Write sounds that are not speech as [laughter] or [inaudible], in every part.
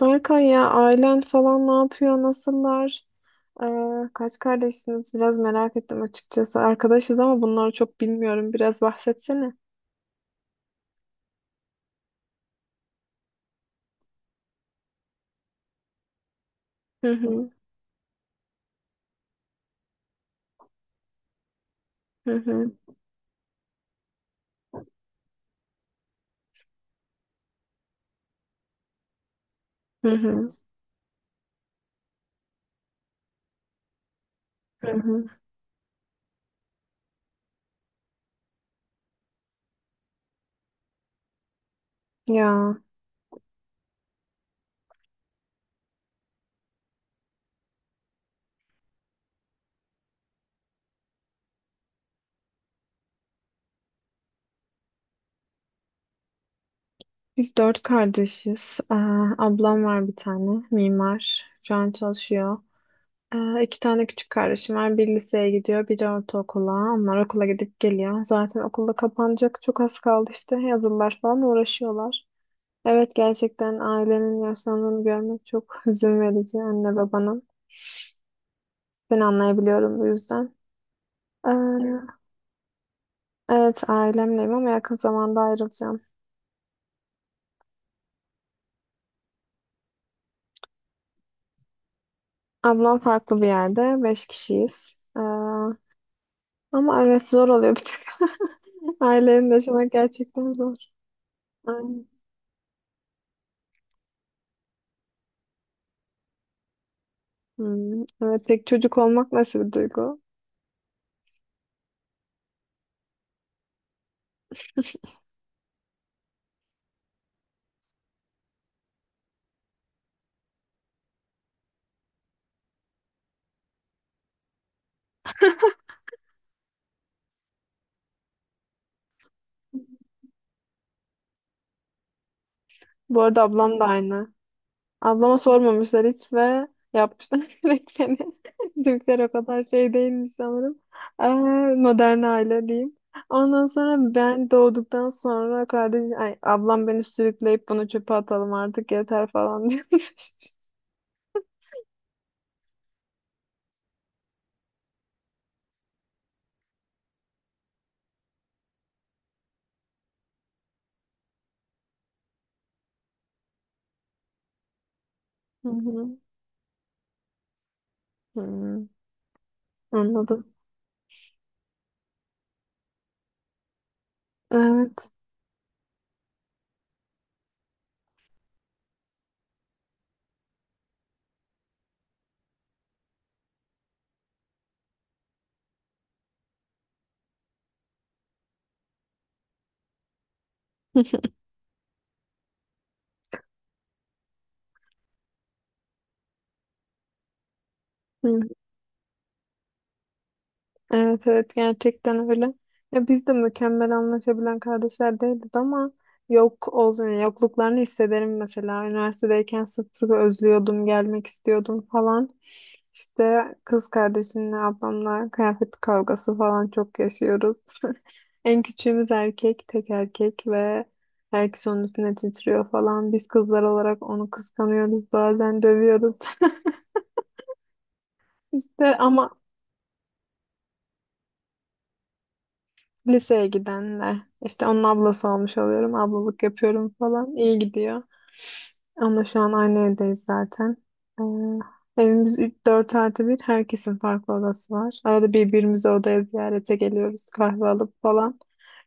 Berkay ya ailen falan ne yapıyor? Nasıllar? Kaç kardeşsiniz? Biraz merak ettim açıkçası. Arkadaşız ama bunları çok bilmiyorum. Biraz bahsetsene. Hı hı, hı hı, hı hı, hı hı. Ya biz dört kardeşiz. Ablam var bir tane mimar. Şu an çalışıyor. İki tane küçük kardeşim var. Bir liseye gidiyor, biri ortaokula. Onlar okula gidip geliyor. Zaten okulda kapanacak çok az kaldı işte. Yazılılar falan uğraşıyorlar. Evet gerçekten ailenin yaşlandığını görmek çok [laughs] hüzün verici anne babanın. Seni anlayabiliyorum bu yüzden. Ee, evet ailemleyim ama yakın zamanda ayrılacağım. Ablam farklı bir yerde. Beş kişiyiz. Ama evet zor oluyor bir tık. [laughs] Ailenin yaşamak gerçekten zor. Aynen. Evet tek çocuk olmak nasıl bir duygu? Bu arada ablam da aynı. Ablama sormamışlar hiç ve yapmışlar [laughs] direkt yani. Türkler o kadar şey değilmiş sanırım. Ee, modern aile diyeyim. Ondan sonra ben doğduktan sonra kardeş, ay, ablam beni sürükleyip bunu çöpe atalım artık yeter falan [laughs] diyormuş. Hı hı. Hı, anladım. Evet. Hı. Evet evet gerçekten öyle. Ya biz de mükemmel anlaşabilen kardeşler değildik ama yok olsun yani yokluklarını hissederim mesela. Üniversitedeyken sık sık özlüyordum, gelmek istiyordum falan. İşte kız kardeşimle ablamla kıyafet kavgası falan çok yaşıyoruz. [laughs] En küçüğümüz erkek, tek erkek ve herkes onun üstüne titriyor falan. Biz kızlar olarak onu kıskanıyoruz, bazen dövüyoruz. [laughs] İşte ama liseye gidenler. İşte onun ablası olmuş oluyorum. Ablalık yapıyorum falan. İyi gidiyor. Onunla şu an aynı evdeyiz zaten. Evimiz 4 artı bir, herkesin farklı odası var. Arada birbirimizi odaya ziyarete geliyoruz. Kahve alıp falan.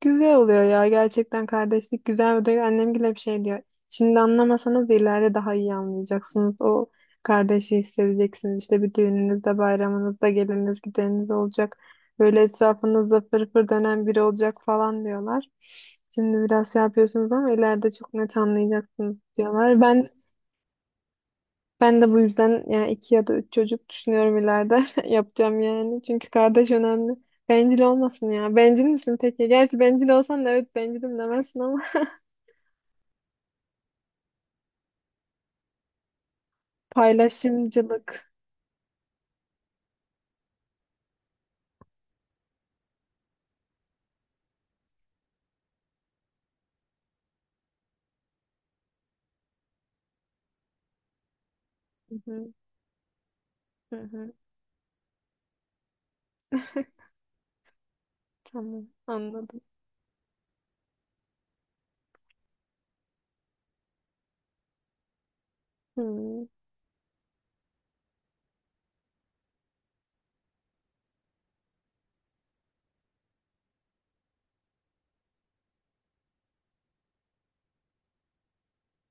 Güzel oluyor ya. Gerçekten kardeşlik güzel oluyor. Annem bile bir şey diyor. Şimdi anlamasanız da ileride daha iyi anlayacaksınız. O kardeşi hissedeceksiniz. İşte bir düğününüzde, bayramınızda geliniz, gideniniz olacak. Böyle etrafınızda fırfır dönen biri olacak falan diyorlar. Şimdi biraz şey yapıyorsunuz ama ileride çok net anlayacaksınız diyorlar. Ben de bu yüzden yani iki ya da üç çocuk düşünüyorum ileride [laughs] yapacağım yani. Çünkü kardeş önemli. Bencil olmasın ya. Bencil misin peki? Gerçi bencil olsan da evet bencilim demezsin ama [laughs] paylaşımcılık. Hı hı, hı hı. [laughs] Tamam anladım. Hı hı,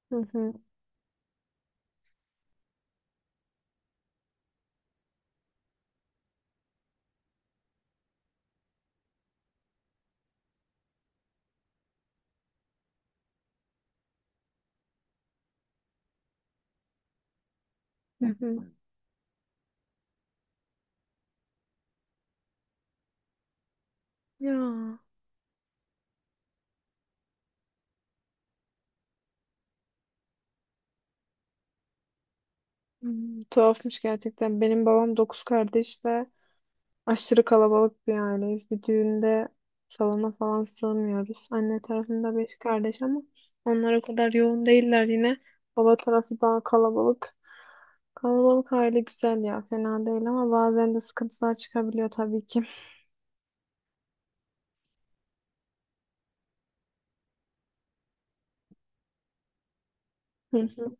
hı hı. Hı hı. Ya. Tuhafmış gerçekten. Benim babam dokuz kardeş ve aşırı kalabalık bir aileyiz. Bir düğünde salona falan sığmıyoruz. Anne tarafında beş kardeş ama onlar o kadar yoğun değiller yine. Baba tarafı daha kalabalık. Kalabalık aile güzel ya, fena değil ama bazen de sıkıntılar çıkabiliyor tabii ki. Hı hı,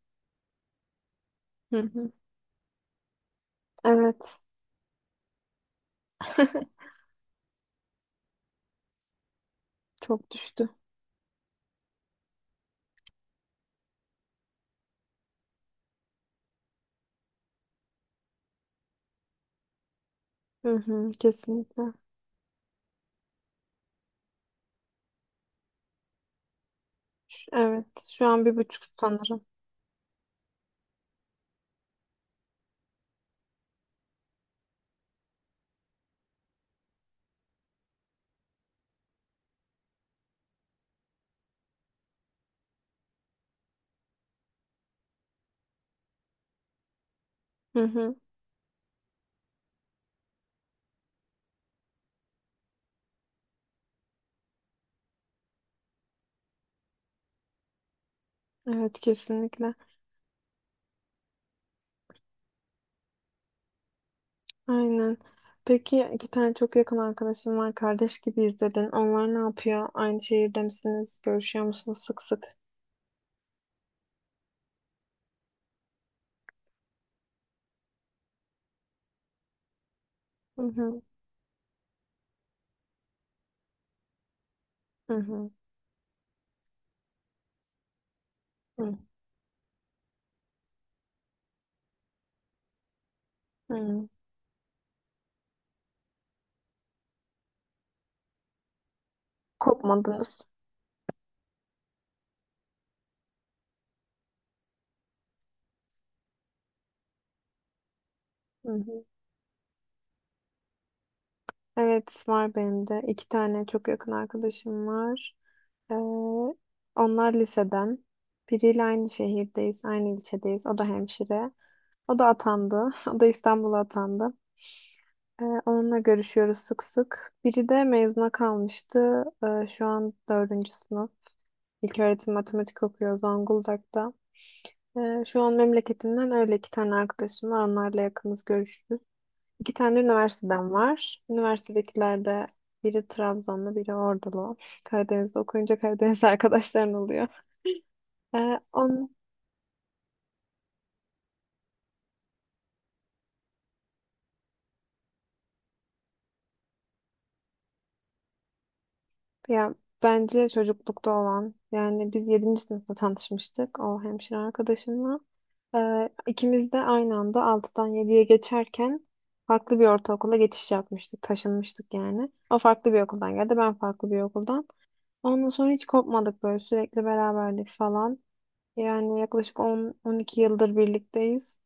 hı hı. Evet, [laughs] çok düştü. Hı hı, kesinlikle. Evet, şu an 1,5 sanırım. Hı hı, evet, kesinlikle. Aynen. Peki iki tane çok yakın arkadaşım var. Kardeş gibiyiz dedin. Onlar ne yapıyor? Aynı şehirde misiniz? Görüşüyor musunuz sık sık? Hı hı. Hı hı. Hı hı. Kopmadınız. Hı hı. Evet var benim de. İki tane çok yakın arkadaşım var. Ee, onlar liseden. Biriyle aynı şehirdeyiz, aynı ilçedeyiz. O da hemşire. O da atandı. [laughs] O da İstanbul'a atandı. Onunla görüşüyoruz sık sık. Biri de mezuna kalmıştı. Şu an dördüncü sınıf. İlköğretim matematik okuyor Zonguldak'ta. Şu an memleketinden öyle iki tane arkadaşım var. Onlarla yakınız görüşürüz. İki tane üniversiteden var. Üniversitedekilerde biri Trabzonlu, biri Ordulu. Karadeniz'de okuyunca Karadeniz [laughs] arkadaşların oluyor. Ee, on, Ya bence çocuklukta olan yani biz yedinci sınıfta tanışmıştık o hemşire arkadaşımla. Ee, ikimiz de aynı anda altıdan yediye geçerken farklı bir ortaokula geçiş yapmıştık. Taşınmıştık yani. O farklı bir okuldan geldi ben farklı bir okuldan. Ondan sonra hiç kopmadık böyle sürekli beraberdik falan. Yani yaklaşık 10-12 yıldır birlikteyiz.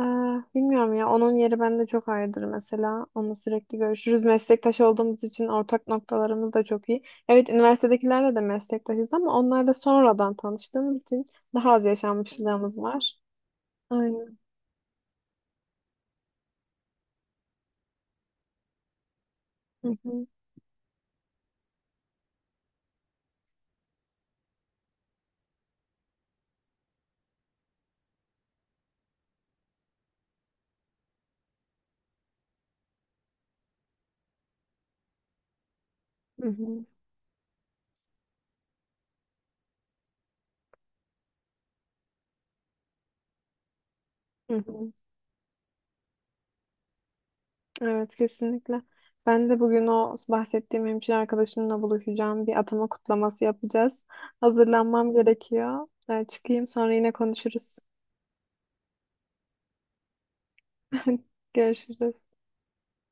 Ee, bilmiyorum ya onun yeri bende çok ayrıdır mesela. Onunla sürekli görüşürüz. Meslektaş olduğumuz için ortak noktalarımız da çok iyi. Evet üniversitedekilerle de meslektaşız ama onlarla sonradan tanıştığımız için daha az yaşanmışlığımız var. Aynen. Hı hı. Hı hı. Hı hı. Evet kesinlikle. Ben de bugün o bahsettiğim hemşire arkadaşımla buluşacağım. Bir atama kutlaması yapacağız. Hazırlanmam gerekiyor. Ben çıkayım sonra yine konuşuruz. [laughs] Görüşürüz.